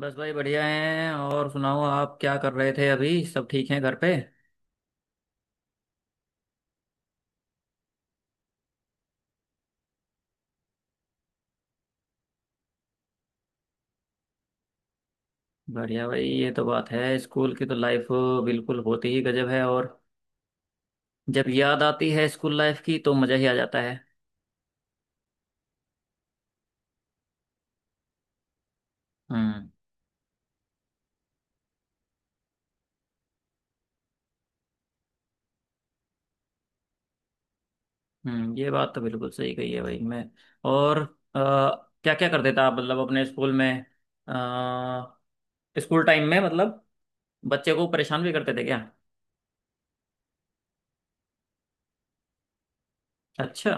बस भाई बढ़िया हैं। और सुनाओ, आप क्या कर रहे थे अभी? सब ठीक हैं घर पे? बढ़िया भाई, ये तो बात है। स्कूल की तो लाइफ बिल्कुल होती ही गजब है। और जब याद आती है स्कूल लाइफ की, तो मज़ा ही आ जाता है। हम्म। हम्म, ये बात तो बिल्कुल सही कही है भाई। मैं और क्या क्या करते थे आप मतलब अपने स्कूल में? अ, स्कूल टाइम में मतलब बच्चे को परेशान भी करते थे क्या? अच्छा।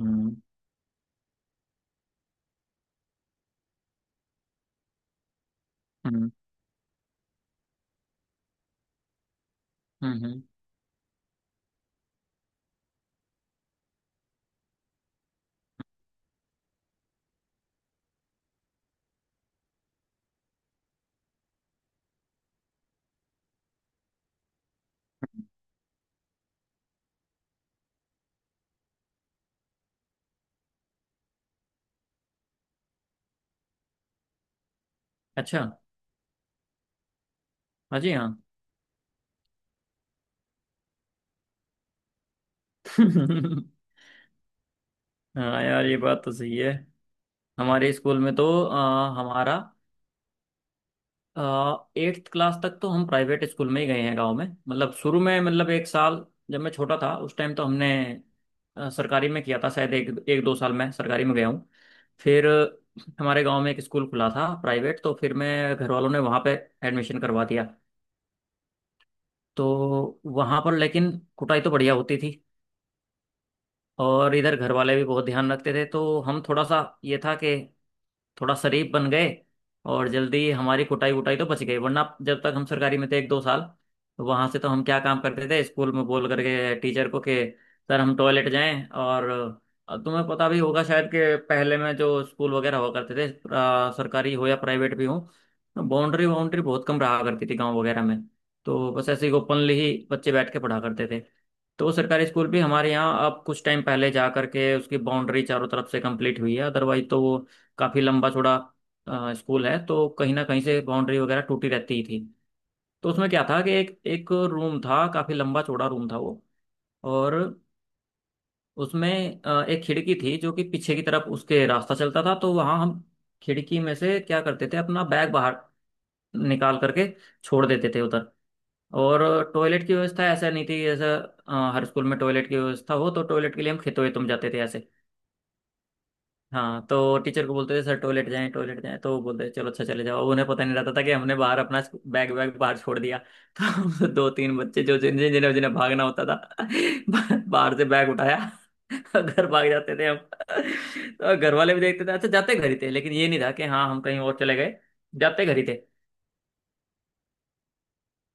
हम्म। हम्म। हम्म। अच्छा। हाँ जी। हाँ हाँ यार, ये बात तो सही है। हमारे स्कूल में तो हमारा एट्थ क्लास तक तो हम प्राइवेट स्कूल में ही गए हैं, गांव में। मतलब शुरू में, मतलब एक साल जब मैं छोटा था उस टाइम, तो हमने सरकारी में किया था। शायद एक एक दो साल मैं सरकारी में गया हूँ। फिर हमारे गांव में एक स्कूल खुला था प्राइवेट, तो फिर मैं घर वालों ने वहाँ पे एडमिशन करवा दिया। तो वहाँ पर लेकिन कुटाई तो बढ़िया होती थी। और इधर घर वाले भी बहुत ध्यान रखते थे, तो हम थोड़ा सा ये था कि थोड़ा शरीफ बन गए। और जल्दी हमारी कुटाई वुटाई तो बच गई। वरना जब तक हम सरकारी में थे एक दो साल, तो वहां से तो हम क्या काम करते थे स्कूल में, बोल करके टीचर को कि सर हम टॉयलेट जाएं। और तुम्हें पता भी होगा शायद कि पहले में जो स्कूल वगैरह हुआ करते थे सरकारी हो या प्राइवेट भी हो, बाउंड्री बाउंड्री बहुत कम रहा करती थी गांव वगैरह में। तो बस ऐसे ही ओपनली ही बच्चे बैठ के पढ़ा करते थे। तो सरकारी स्कूल भी हमारे यहाँ अब कुछ टाइम पहले जा करके उसकी बाउंड्री चारों तरफ से कंप्लीट हुई है। अदरवाइज तो वो काफी लंबा चौड़ा स्कूल है, तो कहीं ना कहीं से बाउंड्री वगैरह टूटी रहती ही थी। तो उसमें क्या था कि एक एक रूम था, काफी लंबा चौड़ा रूम था वो। और उसमें एक खिड़की थी जो कि पीछे की तरफ उसके रास्ता चलता था, तो वहां हम खिड़की में से क्या करते थे, अपना बैग बाहर निकाल करके छोड़ देते थे उधर। और टॉयलेट की व्यवस्था ऐसा नहीं थी, जैसे हर स्कूल में टॉयलेट की व्यवस्था हो, तो टॉयलेट के लिए हम खेतों वेतों में जाते थे ऐसे। हाँ, तो टीचर को बोलते थे सर टॉयलेट जाएं, टॉयलेट जाएं, तो वो बोलते थे चलो अच्छा चले जाओ। उन्हें पता नहीं रहता था कि हमने बाहर अपना बैग वैग बाहर छोड़ दिया। तो दो तीन बच्चे जो जिन जिन- जिन्हें जिन्हें भागना होता था, बाहर से बैग उठाया घर भाग जाते थे। हम तो घर वाले भी देखते थे, अच्छा, जाते घर ही थे। लेकिन ये नहीं था कि हाँ हम कहीं और चले गए, जाते घर ही थे।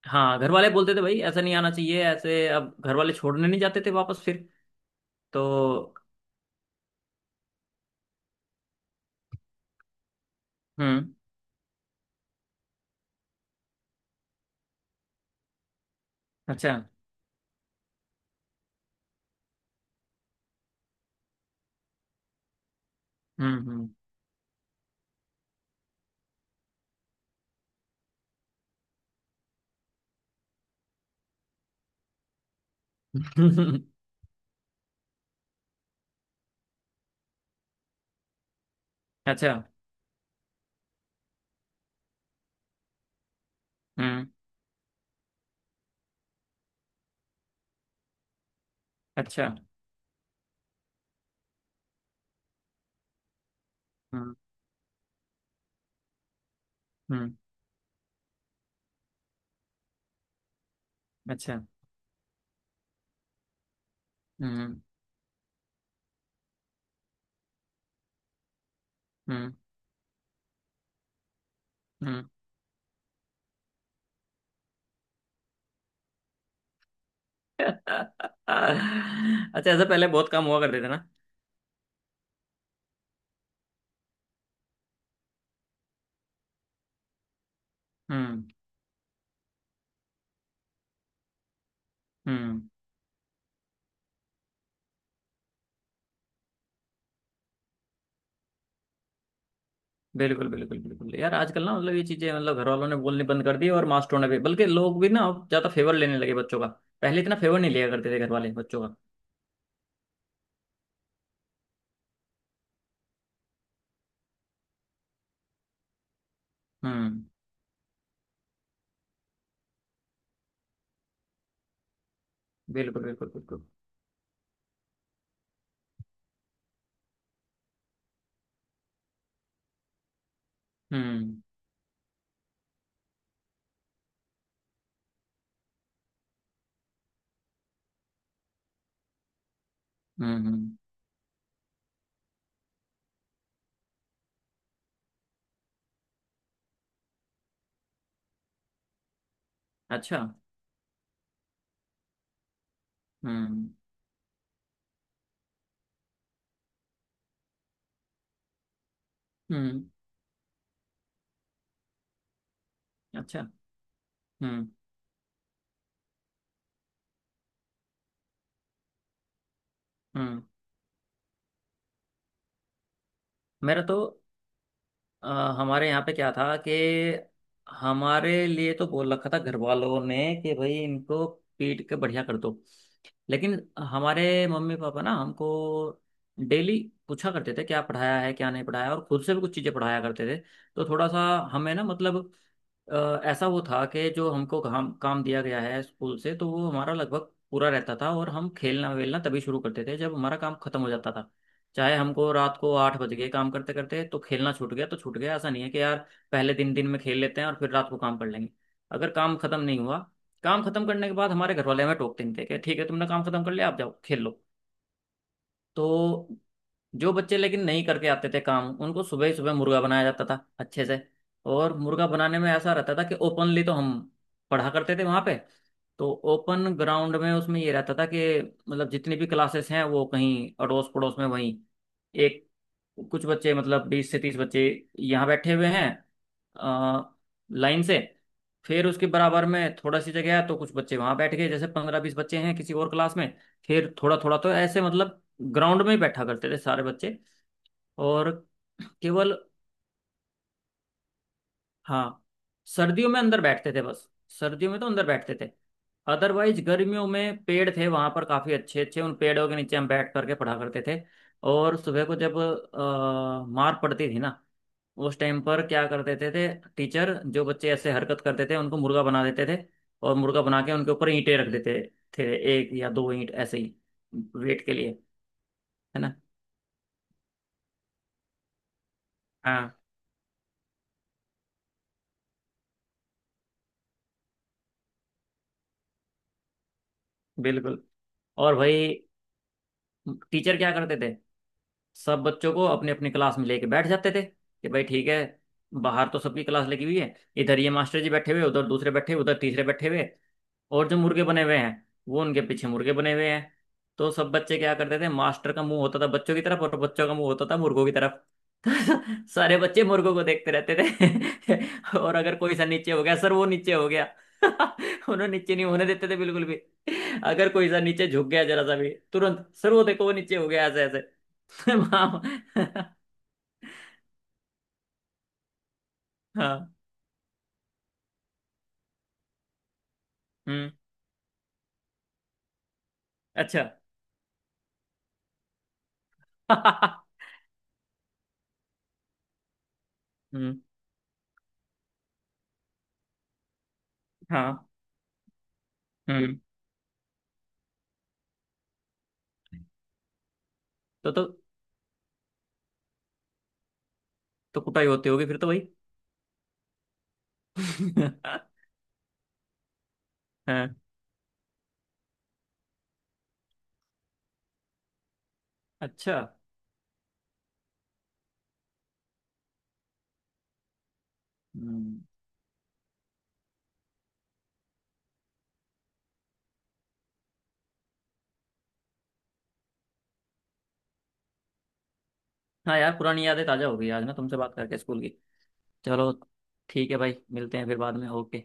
हाँ, घर वाले बोलते थे भाई ऐसा नहीं आना चाहिए ऐसे। अब घर वाले छोड़ने नहीं जाते थे वापस फिर तो। हम्म। अच्छा। हम्म। हम्म अच्छा। हम्म। अच्छा। हम्म। हम्म, अच्छा। हम्म। हम्म। हम्म अच्छा, ऐसा पहले बहुत काम हुआ करते थे ना। हम्म। हम्म। बिल्कुल बिल्कुल बिल्कुल यार, आजकल ना मतलब ये चीजें मतलब घर वालों ने बोलनी बंद कर दी और मास्टरों ने भी, बल्कि लोग भी ना अब ज्यादा फेवर लेने लगे बच्चों का। पहले इतना फेवर नहीं लिया करते थे घर वाले बच्चों का। हम्म। बिल्कुल बिल्कुल बिल्कुल। हम्म। हम्म। अच्छा। हम्म। हम्म। अच्छा। हम्म। हम्म। मेरा तो अ, हमारे यहाँ पे क्या था कि हमारे लिए तो बोल रखा था घर वालों ने कि भाई इनको पीट के बढ़िया कर दो। लेकिन हमारे मम्मी पापा ना हमको डेली पूछा करते थे क्या पढ़ाया है, क्या नहीं पढ़ाया, और खुद से भी कुछ चीज़ें पढ़ाया करते थे। तो थोड़ा सा हमें ना मतलब ऐसा वो था कि जो हमको काम काम दिया गया है स्कूल से, तो वो हमारा लगभग पूरा रहता था। और हम खेलना वेलना तभी शुरू करते थे जब हमारा काम खत्म हो जाता था। चाहे हमको रात को 8 बज गए काम करते करते, तो खेलना छूट गया तो छूट गया। ऐसा नहीं है कि यार पहले दिन दिन में खेल लेते हैं और फिर रात को काम कर लेंगे। अगर काम खत्म नहीं हुआ, काम खत्म करने के बाद हमारे घर वाले हमें टोकते नहीं थे, कि ठीक है तुमने काम खत्म कर लिया, आप जाओ खेल लो। तो जो बच्चे लेकिन नहीं करके आते थे काम, उनको सुबह ही सुबह मुर्गा बनाया जाता था अच्छे से। और मुर्गा बनाने में ऐसा रहता था कि ओपनली तो हम पढ़ा करते थे वहां पे, तो ओपन ग्राउंड में उसमें ये रहता था कि मतलब जितनी भी क्लासेस हैं वो कहीं अड़ोस पड़ोस में वहीं एक, कुछ बच्चे मतलब 20 से 30 बच्चे यहाँ बैठे हुए हैं अ, लाइन से। फिर उसके बराबर में थोड़ा सी जगह है, तो कुछ बच्चे वहां बैठ गए, जैसे 15-20 बच्चे हैं किसी और क्लास में। फिर थोड़ा थोड़ा तो ऐसे मतलब ग्राउंड में ही बैठा करते थे सारे बच्चे। और केवल हाँ, सर्दियों में अंदर बैठते थे बस। सर्दियों में तो अंदर बैठते थे। अदरवाइज गर्मियों में पेड़ थे वहां पर काफी अच्छे अच्छे, उन पेड़ों के नीचे हम बैठ करके पढ़ा करते थे। और सुबह को जब मार पड़ती थी ना, उस टाइम पर क्या करते थे टीचर जो बच्चे ऐसे हरकत करते थे उनको मुर्गा बना देते थे। और मुर्गा बना के उनके ऊपर ईंटें रख देते थे, एक या दो ईंट ऐसे ही, वेट के लिए। है ना। हाँ। बिल्कुल। और भाई टीचर क्या करते थे, सब बच्चों को अपने अपने क्लास में लेके बैठ जाते थे कि भाई ठीक है। बाहर तो सबकी क्लास लगी हुई है। इधर ये मास्टर जी बैठे हुए, उधर दूसरे बैठे हुए, उधर तीसरे बैठे हुए। और जो मुर्गे बने हुए हैं, वो उनके पीछे मुर्गे बने हुए हैं। तो सब बच्चे क्या करते थे, मास्टर का मुंह होता था बच्चों की तरफ और बच्चों का मुंह होता था मुर्गों की तरफ। तो सारे बच्चे मुर्गों को देखते रहते थे। और अगर कोई सा नीचे हो गया, सर वो नीचे हो गया। उन्हें नीचे नहीं होने देते थे बिल्कुल भी। अगर कोई सा नीचे झुक गया जरा सा भी, तुरंत सर वो देखो वो नीचे हो गया ऐसे। वाह। हाँ। हम्म। अच्छा। हम्म। हाँ। हम्म। तो तो तो कुटाई होती होगी फिर तो भाई। हाँ। अच्छा। हम्म। हाँ यार, पुरानी यादें ताजा हो गई आज ना तुमसे बात करके स्कूल की। चलो ठीक है भाई, मिलते हैं फिर बाद में। ओके।